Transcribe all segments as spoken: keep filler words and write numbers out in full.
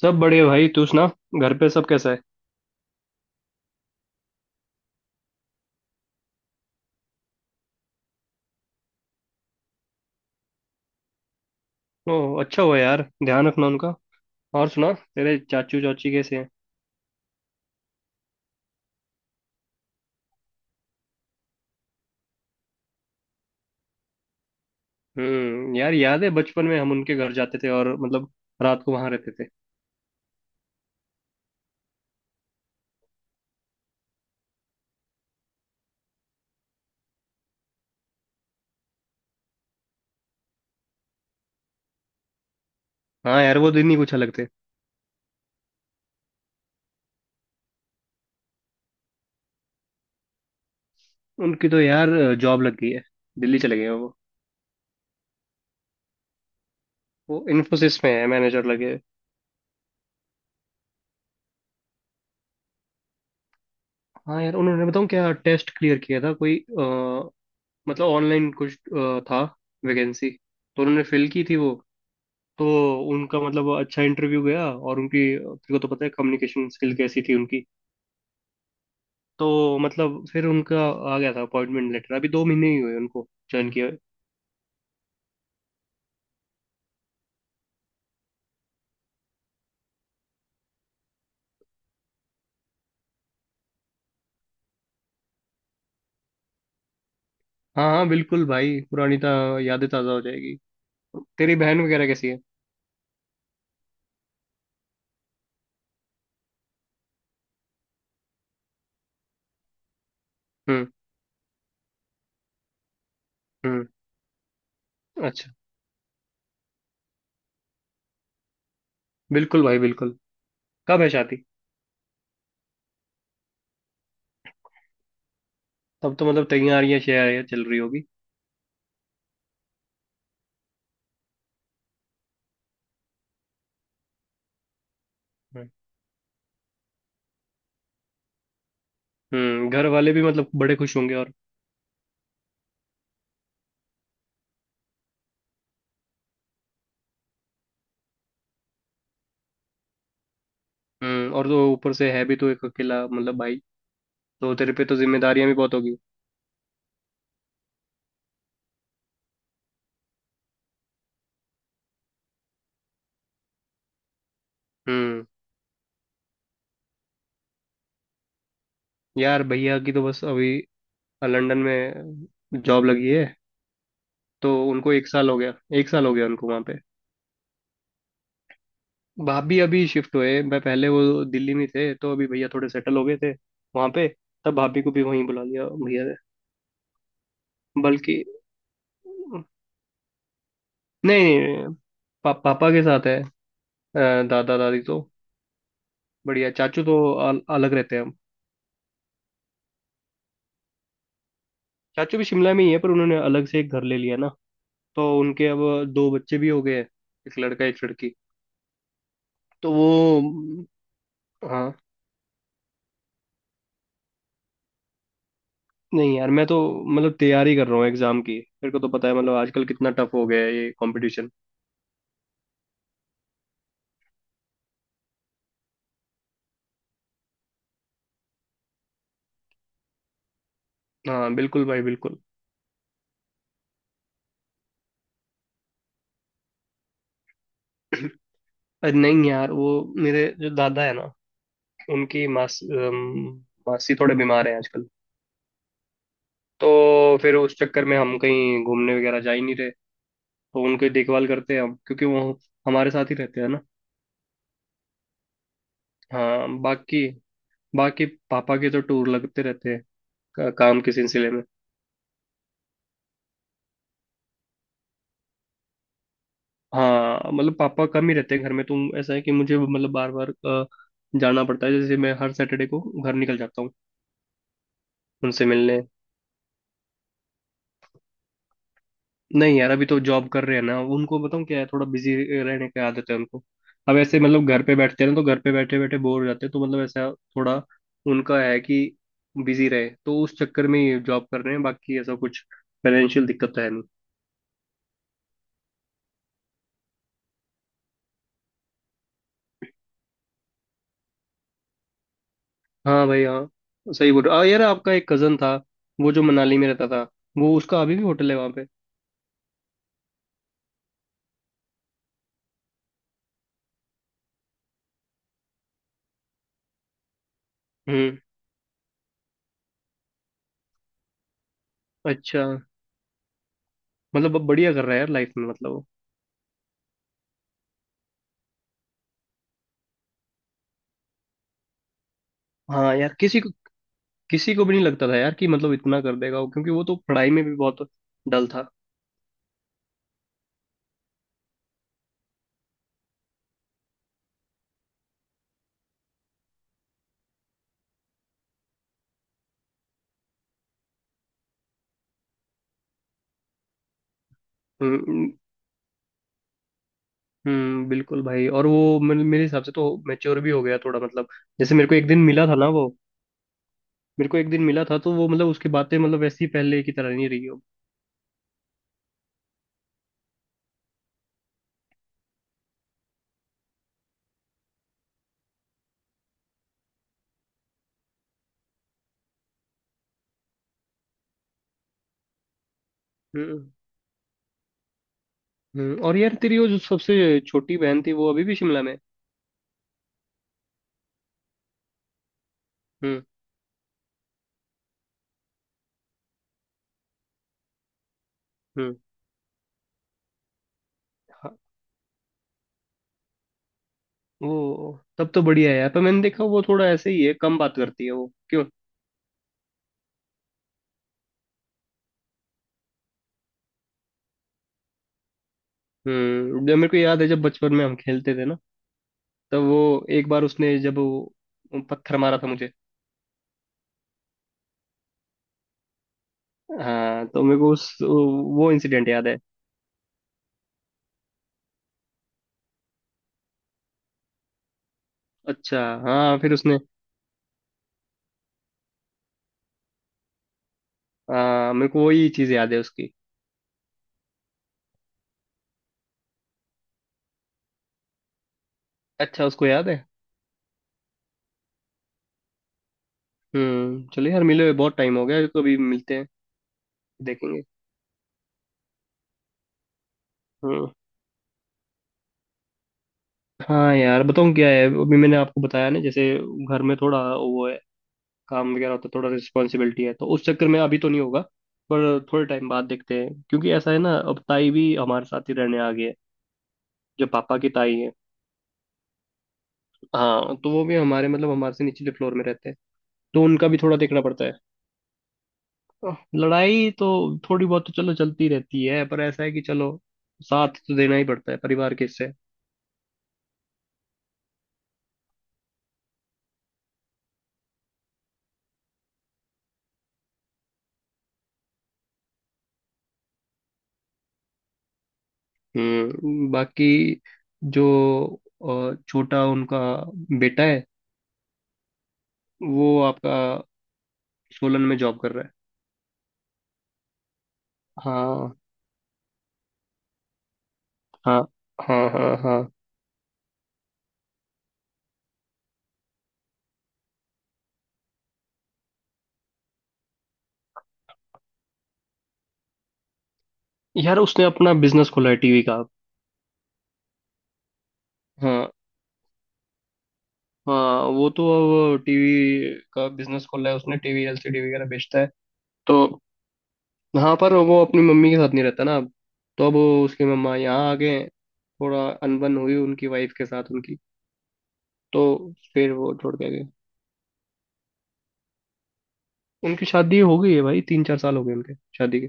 सब बढ़िया भाई। तू सुना, घर पे सब कैसा है। ओह, अच्छा हुआ यार, ध्यान रखना उनका। और सुना, तेरे चाचू चाची कैसे हैं। हम्म, यार याद है बचपन में हम उनके घर जाते थे और मतलब रात को वहां रहते थे। हाँ यार, वो दिन ही कुछ अलग थे। उनकी तो यार जॉब लग गई है, दिल्ली चले गए हैं वो। वो इन्फोसिस में है, मैनेजर लगे हैं। हाँ यार, उन्होंने बताऊँ क्या, टेस्ट क्लियर किया था कोई अ, मतलब ऑनलाइन कुछ अ, था। वैकेंसी तो उन्होंने फिल की थी वो। तो उनका मतलब अच्छा इंटरव्यू गया, और उनकी तेरे को तो पता है कम्युनिकेशन स्किल कैसी थी उनकी। तो मतलब फिर उनका आ गया था अपॉइंटमेंट लेटर। अभी दो महीने ही हुए उनको ज्वाइन किया हुए। हाँ हाँ बिल्कुल भाई, पुरानी ता यादें ताज़ा हो जाएगी। तेरी बहन वगैरह कैसी है। हम्म। हम्म। अच्छा। बिल्कुल भाई बिल्कुल। कब है शादी। तब तो मतलब तैयारियां शैयारियां चल रही होगी। हम्म। हम्म, घर वाले भी मतलब बड़े खुश होंगे और। हम्म, और तो ऊपर से है भी तो एक अकेला मतलब भाई। तो तेरे पे तो जिम्मेदारियां भी बहुत होगी। हम्म यार, भैया की तो बस अभी लंदन में जॉब लगी है। तो उनको एक साल हो गया एक साल हो गया उनको वहाँ पे। भाभी अभी शिफ्ट हुए, मैं पहले वो दिल्ली में थे, तो अभी भैया थोड़े सेटल हो गए थे वहाँ पे। तब भाभी को भी वहीं बुला लिया भैया ने। बल्कि नहीं, पा, पापा के साथ है। अ, दादा दादी तो बढ़िया। चाचू तो अल, अलग रहते हैं हम। चाचू भी शिमला में ही है, पर उन्होंने अलग से एक घर ले लिया ना। तो उनके अब दो बच्चे भी हो गए हैं, एक लड़का एक लड़की। तो वो। हाँ, नहीं यार मैं तो मतलब तैयारी कर रहा हूँ एग्जाम की। मेरे को तो पता है मतलब आजकल कितना टफ हो गया है ये कंपटीशन। हाँ बिल्कुल भाई बिल्कुल। अरे नहीं यार, वो मेरे जो दादा है ना, उनकी मास अम, मासी थोड़े बीमार हैं आजकल। तो फिर उस चक्कर में हम कहीं घूमने वगैरह जा ही नहीं रहे। तो उनकी देखभाल करते हैं हम, क्योंकि वो हमारे साथ ही रहते हैं ना। हाँ, बाकी बाकी पापा के तो टूर लगते रहते हैं का, काम के सिलसिले में। हाँ, मतलब पापा कम ही रहते हैं घर में, तो ऐसा है कि मुझे मतलब बार बार जाना पड़ता है। जैसे मैं हर सैटरडे को घर निकल जाता हूँ उनसे मिलने। नहीं यार, अभी तो जॉब कर रहे हैं ना। उनको बताऊँ क्या है, थोड़ा बिजी रहने की आदत है उनको। अब ऐसे मतलब घर पे बैठते हैं ना, तो घर पे बैठे बैठे बोर हो जाते हैं। तो मतलब ऐसा थोड़ा उनका है कि बिजी रहे, तो उस चक्कर में ये जॉब कर रहे हैं। बाकी ऐसा कुछ फाइनेंशियल दिक्कत तो है नहीं। हाँ भाई हाँ, सही बोल रहे हो। आ, यार आपका एक कजन था, वो जो मनाली में रहता था, वो उसका अभी भी होटल है वहाँ पे। हम्म। अच्छा। मतलब अब बढ़िया कर रहा है यार लाइफ में मतलब वो। हाँ यार, किसी को किसी को भी नहीं लगता था यार कि मतलब इतना कर देगा वो, क्योंकि वो तो पढ़ाई में भी बहुत डल था। हम्म। हम्म, बिल्कुल भाई। और वो मे- मेरे हिसाब से तो मैच्योर भी हो गया थोड़ा मतलब। जैसे मेरे को एक दिन मिला था ना वो मेरे को एक दिन मिला था, तो वो मतलब उसकी बातें मतलब वैसी पहले की तरह नहीं रही हो। हम्म। हम्म, और यार तेरी वो जो सबसे छोटी बहन थी, वो अभी भी शिमला में है? हम्म। हम्म। हाँ, वो तब तो बढ़िया है यार, पर मैंने देखा वो थोड़ा ऐसे ही है, कम बात करती है वो, क्यों। हम्म, जब मेरे को याद है, जब बचपन में हम खेलते थे ना, तब वो एक बार उसने जब वो पत्थर मारा था मुझे। हाँ, तो मेरे को उस वो इंसिडेंट याद है। अच्छा। हाँ फिर उसने। हाँ, मेरे को वही चीज़ याद है उसकी। अच्छा, उसको याद है। हम्म, चलो यार, मिले हुए बहुत टाइम हो गया, कभी मिलते हैं। देखेंगे। हम्म। हाँ यार बताऊँ क्या है, अभी मैंने आपको बताया ना, जैसे घर में थोड़ा वो है, काम वगैरह होता है, थोड़ा रिस्पॉन्सिबिलिटी है, तो उस चक्कर में अभी तो नहीं होगा। पर थोड़े टाइम बाद देखते हैं, क्योंकि ऐसा है ना, अब ताई भी हमारे साथ ही रहने आ गई है, जो पापा की ताई है। हाँ, तो वो भी हमारे मतलब हमारे से निचले फ्लोर में रहते हैं। तो उनका भी थोड़ा देखना पड़ता है। अह, लड़ाई तो थोड़ी बहुत तो चलो चलती रहती है, पर ऐसा है कि चलो, साथ तो देना ही पड़ता है परिवार के हिस्से। हम्म, बाकी जो अह, छोटा उनका बेटा है, वो आपका सोलन में जॉब कर रहा है। हाँ हाँ हाँ हाँ। हाँ यार, उसने अपना बिजनेस खोला है टीवी का। हाँ। हाँ वो तो अब टीवी का बिजनेस खोला है उसने, टीवी एलसीडी वगैरह बेचता है। तो हाँ, पर वो अपनी मम्मी के साथ नहीं रहता ना अब। तो अब उसकी मम्मा यहाँ आ गए। थोड़ा अनबन हुई उनकी वाइफ के साथ उनकी। तो फिर वो छोड़ के गए। उनकी शादी हो गई है भाई, तीन चार साल हो गए उनके शादी के।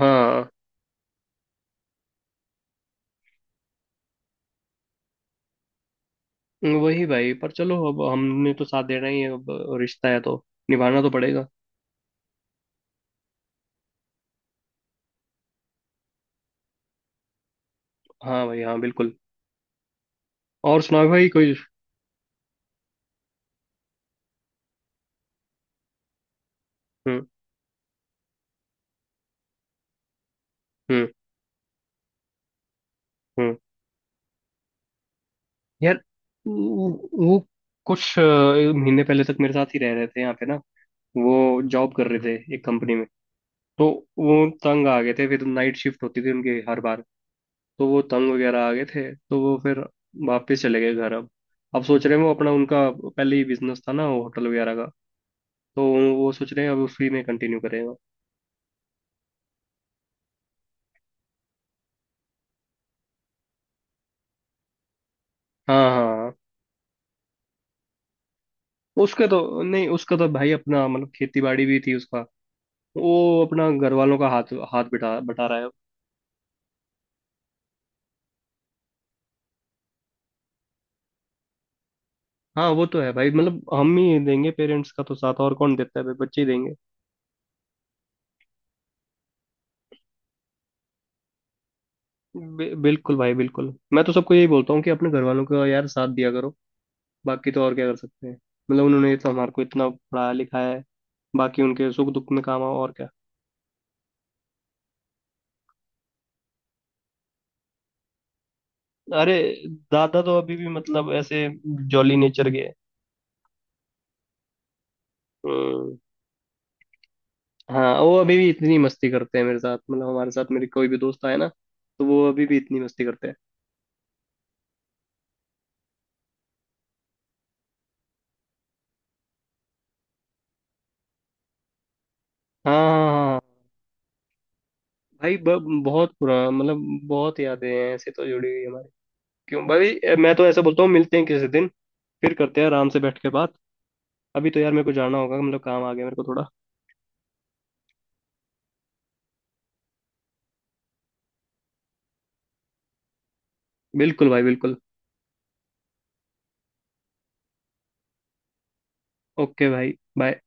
हाँ, वही भाई, पर चलो अब हमने तो साथ देना ही है अब। रिश्ता है तो निभाना तो पड़ेगा। हाँ भाई हाँ बिल्कुल। और सुनाओ भाई कोई। हम्म। हम्म। हम्म यार, वो, वो कुछ अ, महीने पहले तक मेरे साथ ही रह रहे थे यहाँ पे ना। वो जॉब कर रहे थे एक कंपनी में। तो वो तंग आ गए थे, फिर नाइट शिफ्ट होती थी उनकी हर बार। तो वो तंग वगैरह आ गए थे, तो वो फिर वापस चले गए घर। अब अब सोच रहे हैं वो, अपना उनका पहले ही बिजनेस था ना वो होटल वगैरह का, तो वो सोच रहे हैं अब उसी में कंटिन्यू करेंगे। हाँ हाँ। उसके तो नहीं, उसका तो भाई अपना मतलब खेती बाड़ी भी थी उसका। वो अपना घर वालों का हाथ हाथ बिठा बटा रहा है। हाँ वो तो है भाई, मतलब हम ही देंगे पेरेंट्स का तो साथ, और कौन देता है, भाई बच्चे ही देंगे। बि- बिल्कुल भाई बिल्कुल, मैं तो सबको यही बोलता हूँ कि अपने घर वालों का यार साथ दिया करो। बाकी तो और क्या कर सकते हैं, मतलब उन्होंने तो हमारे को इतना पढ़ाया लिखाया है। बाकी उनके सुख दुख में काम आओ और क्या। अरे दादा तो अभी भी मतलब ऐसे जॉली नेचर के हैं। हम्म, हाँ वो अभी भी इतनी मस्ती करते हैं मेरे साथ, मतलब हमारे साथ, मेरे कोई भी दोस्त आए ना, तो वो अभी भी इतनी मस्ती करते हैं। हाँ हाँ हाँ हाँ। भाई ब, बहुत पुराना मतलब, बहुत यादें हैं ऐसे तो जुड़ी हुई हमारी। क्यों भाई, ए, मैं तो ऐसा बोलता हूँ, मिलते हैं किसी दिन, फिर करते हैं आराम से बैठ के बात। अभी तो यार मेरे को जाना होगा, मतलब काम आ गया मेरे को थोड़ा। बिल्कुल भाई बिल्कुल। ओके भाई। बाय।